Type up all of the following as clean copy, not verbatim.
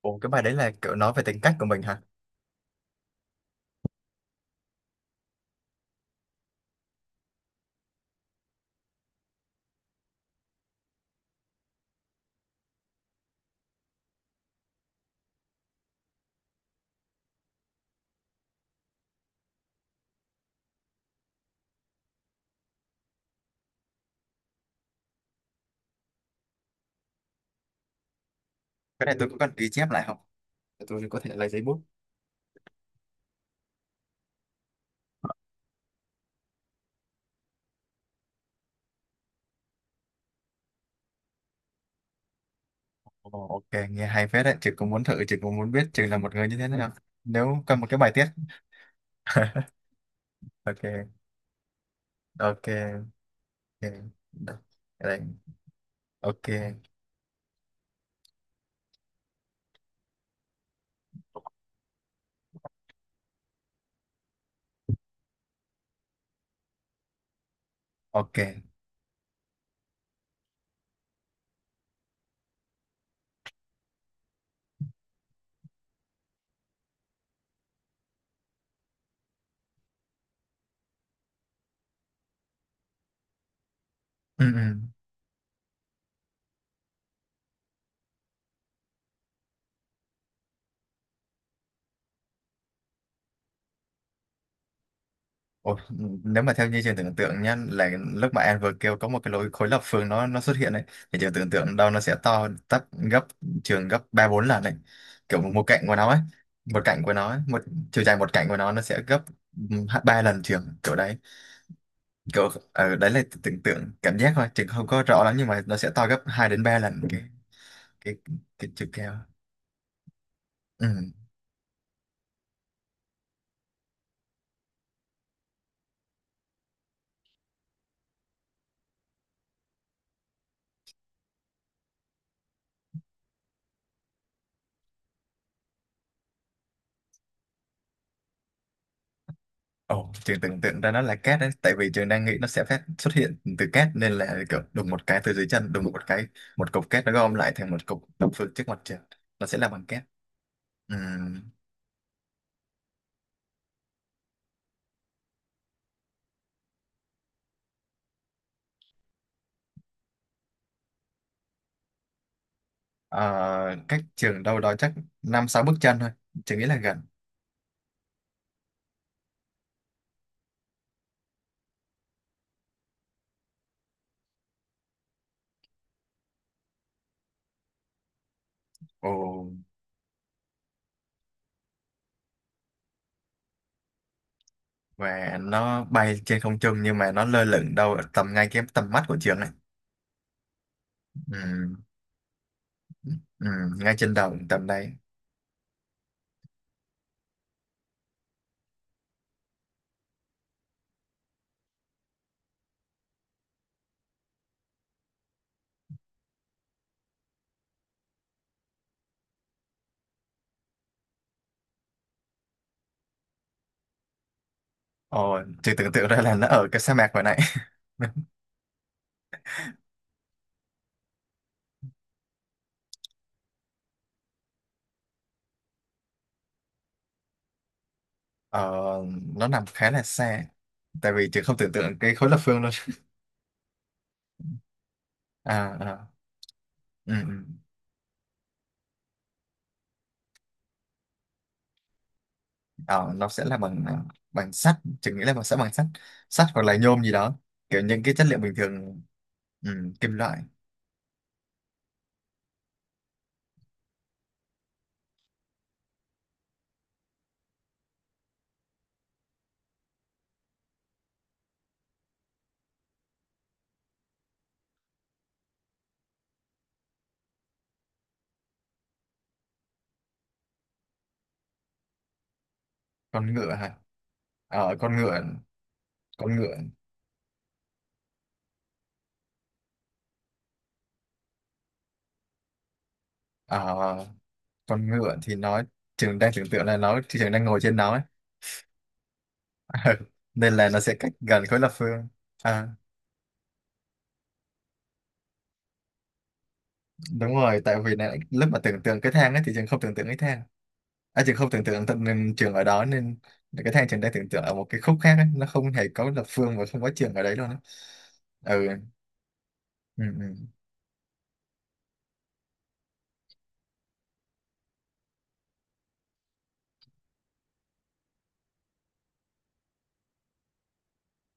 Ồ, cái bài đấy là kiểu nói về tính cách của mình hả? Cái này tôi có cần ghi chép lại không? Để tôi có thể lấy giấy bút. Ồ, ok, nghe hay phết đấy. Chị cũng muốn thử, chị cũng muốn biết chị là một người như thế nào. Nếu cần một cái bài tiết. Ok, ok, ok. Đây. Ok, ok. Ừ, ừ. Ồ, nếu mà theo như trường tưởng tượng nhá là lúc mà em vừa kêu có một cái lối khối lập phương nó xuất hiện đấy thì trường tưởng tượng đâu nó sẽ to tấp gấp trường gấp 3-4 lần này, kiểu một cạnh của nó ấy. Một chiều dài một cạnh của nó sẽ gấp, 3 lần trường kiểu đấy. Kiểu ở đấy là tưởng tượng cảm giác thôi, trường không có rõ lắm nhưng mà nó sẽ to gấp 2 đến 3 lần cái cái chiều cao. Ừ. Ồ, trường tưởng tượng ra nó là cát đấy, tại vì trường đang nghĩ nó sẽ phát xuất hiện từ cát nên là kiểu đùng một cái từ dưới chân, đùng một cái một cục cát nó gom lại thành một cục đồng phương trước mặt trường, nó sẽ là bằng cát. Ừm, ờ, cách trường đâu đó chắc 5-6 bước chân thôi, trường nghĩ là gần. Ồ, và nó bay trên không trung nhưng mà nó lơ lửng đâu ở tầm ngay cái tầm mắt của trường này. Ừm, ngay trên đầu tầm đây. Ồ, trường tưởng tượng ra là nó ở cái sa mạc hồi nãy. Ờ, nó nằm khá là xa tại vì chị không tưởng tượng cái khối lập phương luôn. À, à, ừ, ừ. Ờ, nó sẽ là bằng sắt. Chị nghĩ là bằng sắt sắt hoặc là nhôm gì đó, kiểu những cái chất liệu bình thường. Ừ, kim loại. Con ngựa hả? Ờ, Con ngựa. Ờ, con ngựa thì nó, trường đang tưởng tượng là trường đang ngồi trên nó ấy. nên là nó sẽ cách gần khối lập phương. À, đúng rồi tại vì này, lúc mà tưởng tượng cái thang ấy thì trường không tưởng tượng cái thang. À, trường không tưởng tượng tận nên trường ở đó nên cái thang trường đang tưởng tượng ở một cái khúc khác ấy. Nó không hề có lập phương và không có trường ở đấy luôn á. Ừ. Ừ, ừ.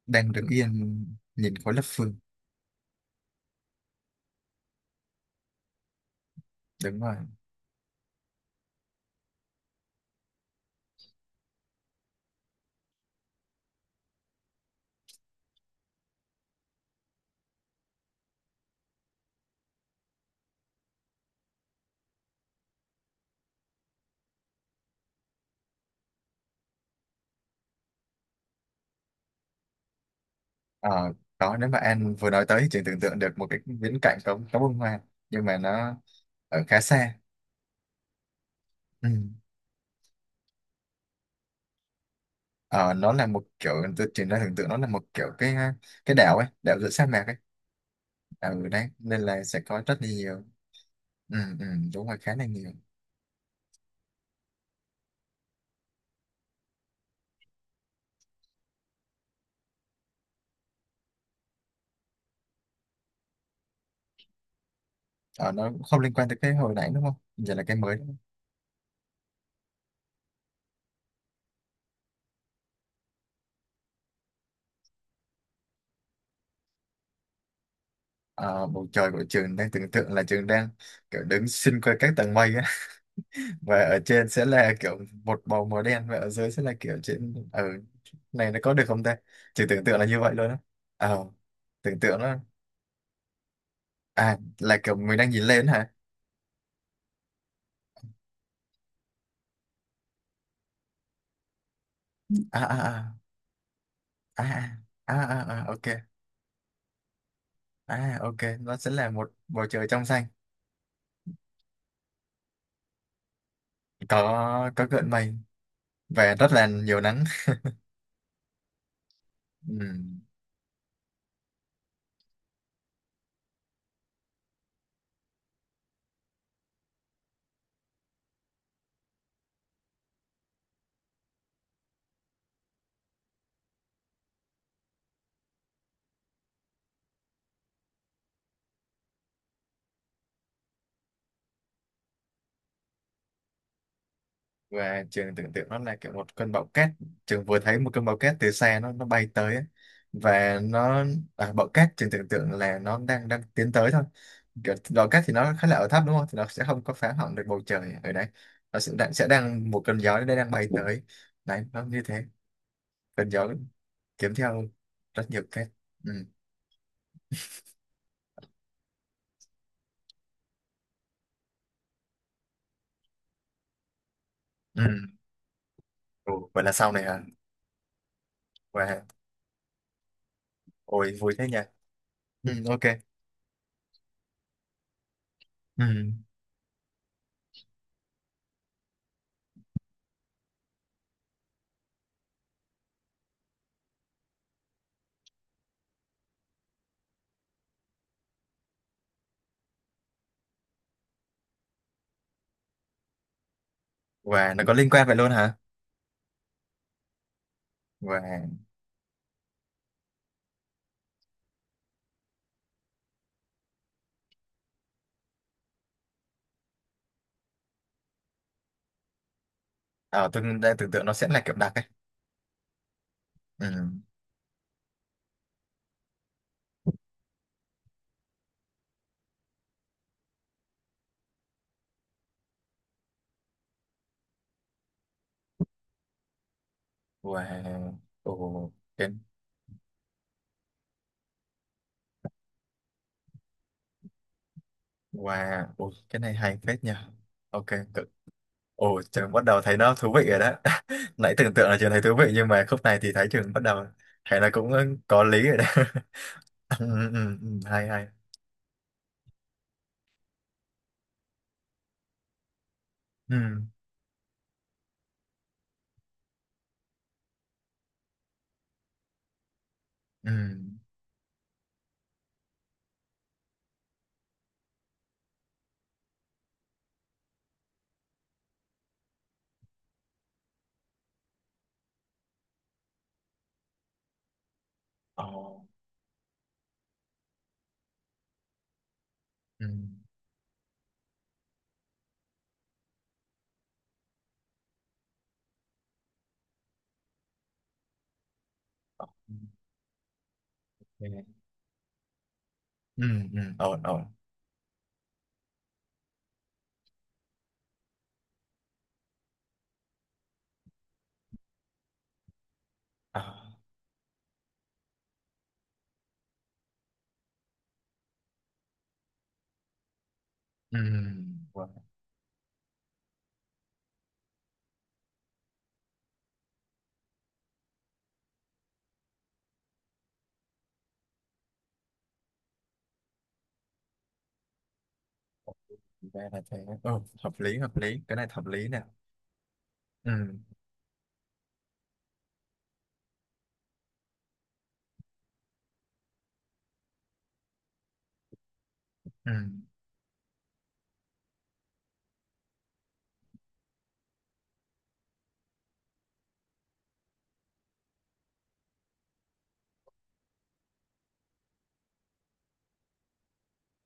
Đang đứng yên nhìn khối lập phương. Đúng rồi. Ờ, đó nếu mà An vừa nói tới thì trường tưởng tượng được một cái viễn cảnh có bông hoa, nhưng mà nó ở khá xa. Ừ. Ờ, nó là một kiểu tôi trường đang tưởng tượng nó là một kiểu cái đảo ấy, đảo giữa sa mạc ấy ở đấy nên là sẽ có rất là nhiều. Ừ, ừ, đúng rồi khá là nhiều. Ờ, nó không liên quan tới cái hồi nãy đúng không? Giờ là cái mới đúng không? Ờ, bầu trời của trường đang tưởng tượng là trường đang kiểu đứng xuyên qua các tầng mây á và ở trên sẽ là kiểu một bầu màu đen và ở dưới sẽ là kiểu trên ở này nó có được không ta? Trường tưởng tượng là như vậy luôn á. Ờ, tưởng tượng nó, à là kiểu mình đang nhìn lên hả? À, à, à, à, à, à, à, à, ok. À, ok, nó sẽ là một bầu trời trong xanh. Có gợn mây và rất là nhiều nắng. Ừ. Và trường tưởng tượng nó là kiểu một cơn bão cát. Trường vừa thấy một cơn bão cát từ xa nó bay tới ấy. Và nó, à, bão cát trường tưởng tượng là nó đang đang tiến tới thôi. Kiểu bão cát thì nó khá là ở thấp đúng không, thì nó sẽ không có phá hỏng được bầu trời ở đấy. Nó sẽ đang một cơn gió nó đang bay tới đấy, nó như thế. Cơn gió kiếm theo rất nhiều cát. Ừ. Ừ. Ừ. Vậy là sau này hả? Và ôi vui thế nhỉ. Ừ, ok. Ừ. Và nó có liên quan vậy luôn hả? Và à, tôi đang tưởng tượng nó sẽ là kiểu đặc ấy. Ừ. Và ồ cái và ồ, cái này hay phết nha. Ok, cực. Ồ, trường bắt đầu thấy nó thú vị rồi đó. Nãy tưởng tượng là trường thấy thú vị nhưng mà khúc này thì thấy trường bắt đầu thấy là cũng có lý rồi đó. Ừ, ừ, ừ, ừ, hay hay. Ừ, ừ. Ồ, ừ. Ồ, ok. Ừ, ừ, ổn ổn. À, ừ. Wow. Thì ra là thế. Ồ, hợp lý, cái này hợp lý nè. Ừ, ừ.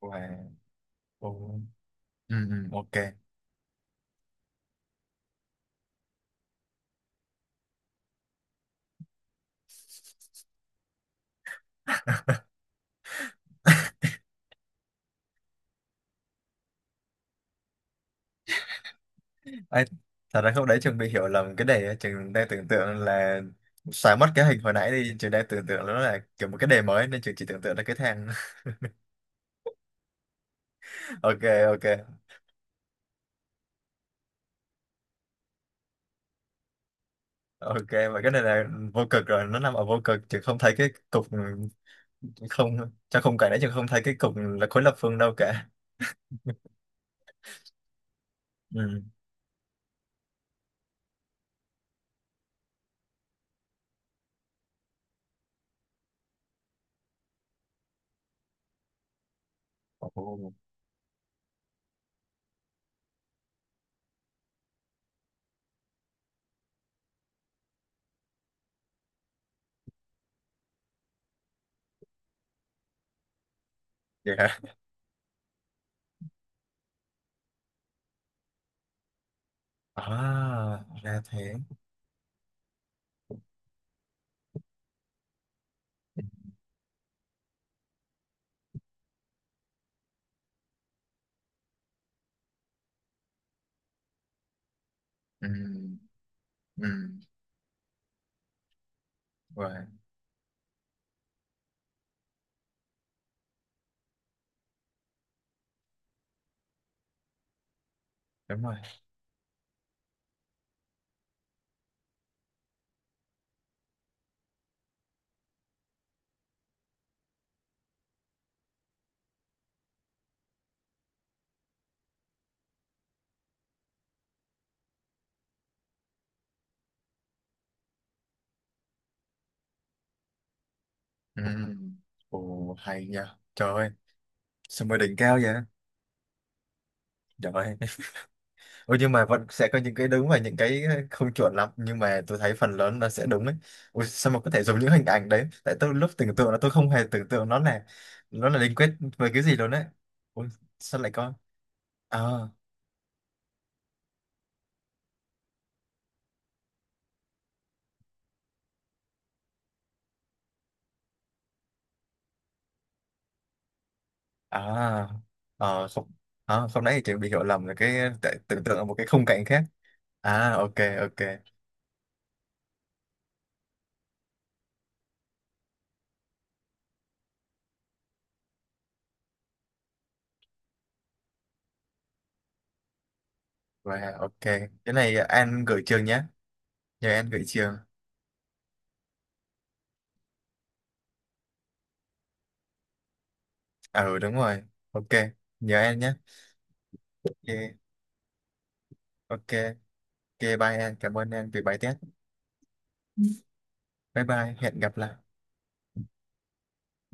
Wow. Ồ. Ừ, ừ, ok. Ai, thật ra không đấy trường bị hiểu lầm cái đề. Trường đang tưởng tượng là xóa mất cái hình hồi nãy đi, trường đang tưởng tượng nó là kiểu một cái đề mới nên trường chỉ tưởng tượng là cái thang. Ok. Ok. Ok. Và cái này là vô cực rồi, nó nằm ở vô cực, trường không thấy cái cục không. Trong khung cảnh đấy trường không thấy cái cục là khối lập phương đâu cả. Ừ. Ồ, vậy hả? À, ra thế. Ừ, ừ, rồi, đúng rồi. Ừ. Ồ, hay nha. Trời ơi, sao mà đỉnh cao vậy? Dạ vậy. Ôi, nhưng mà vẫn sẽ có những cái đúng và những cái không chuẩn lắm nhưng mà tôi thấy phần lớn nó sẽ đúng đấy. Ôi, sao mà có thể dùng những hình ảnh đấy? Tại tôi lúc tưởng tượng là tôi không hề tưởng tượng nó là liên kết về cái gì luôn đấy. Ôi, sao lại có? À, à, à không, à, không nãy thì chị bị hiểu lầm là cái tại tưởng tượng ở một cái khung cảnh khác. À, ok, ok, và ok. Cái này An gửi trường nhé, nhờ An gửi trường. À, ừ, đúng rồi. Ok, nhờ An nhé. Ok, ok. Ok, bye em. Cảm ơn em vì bài test. Bye bye. Hẹn gặp lại.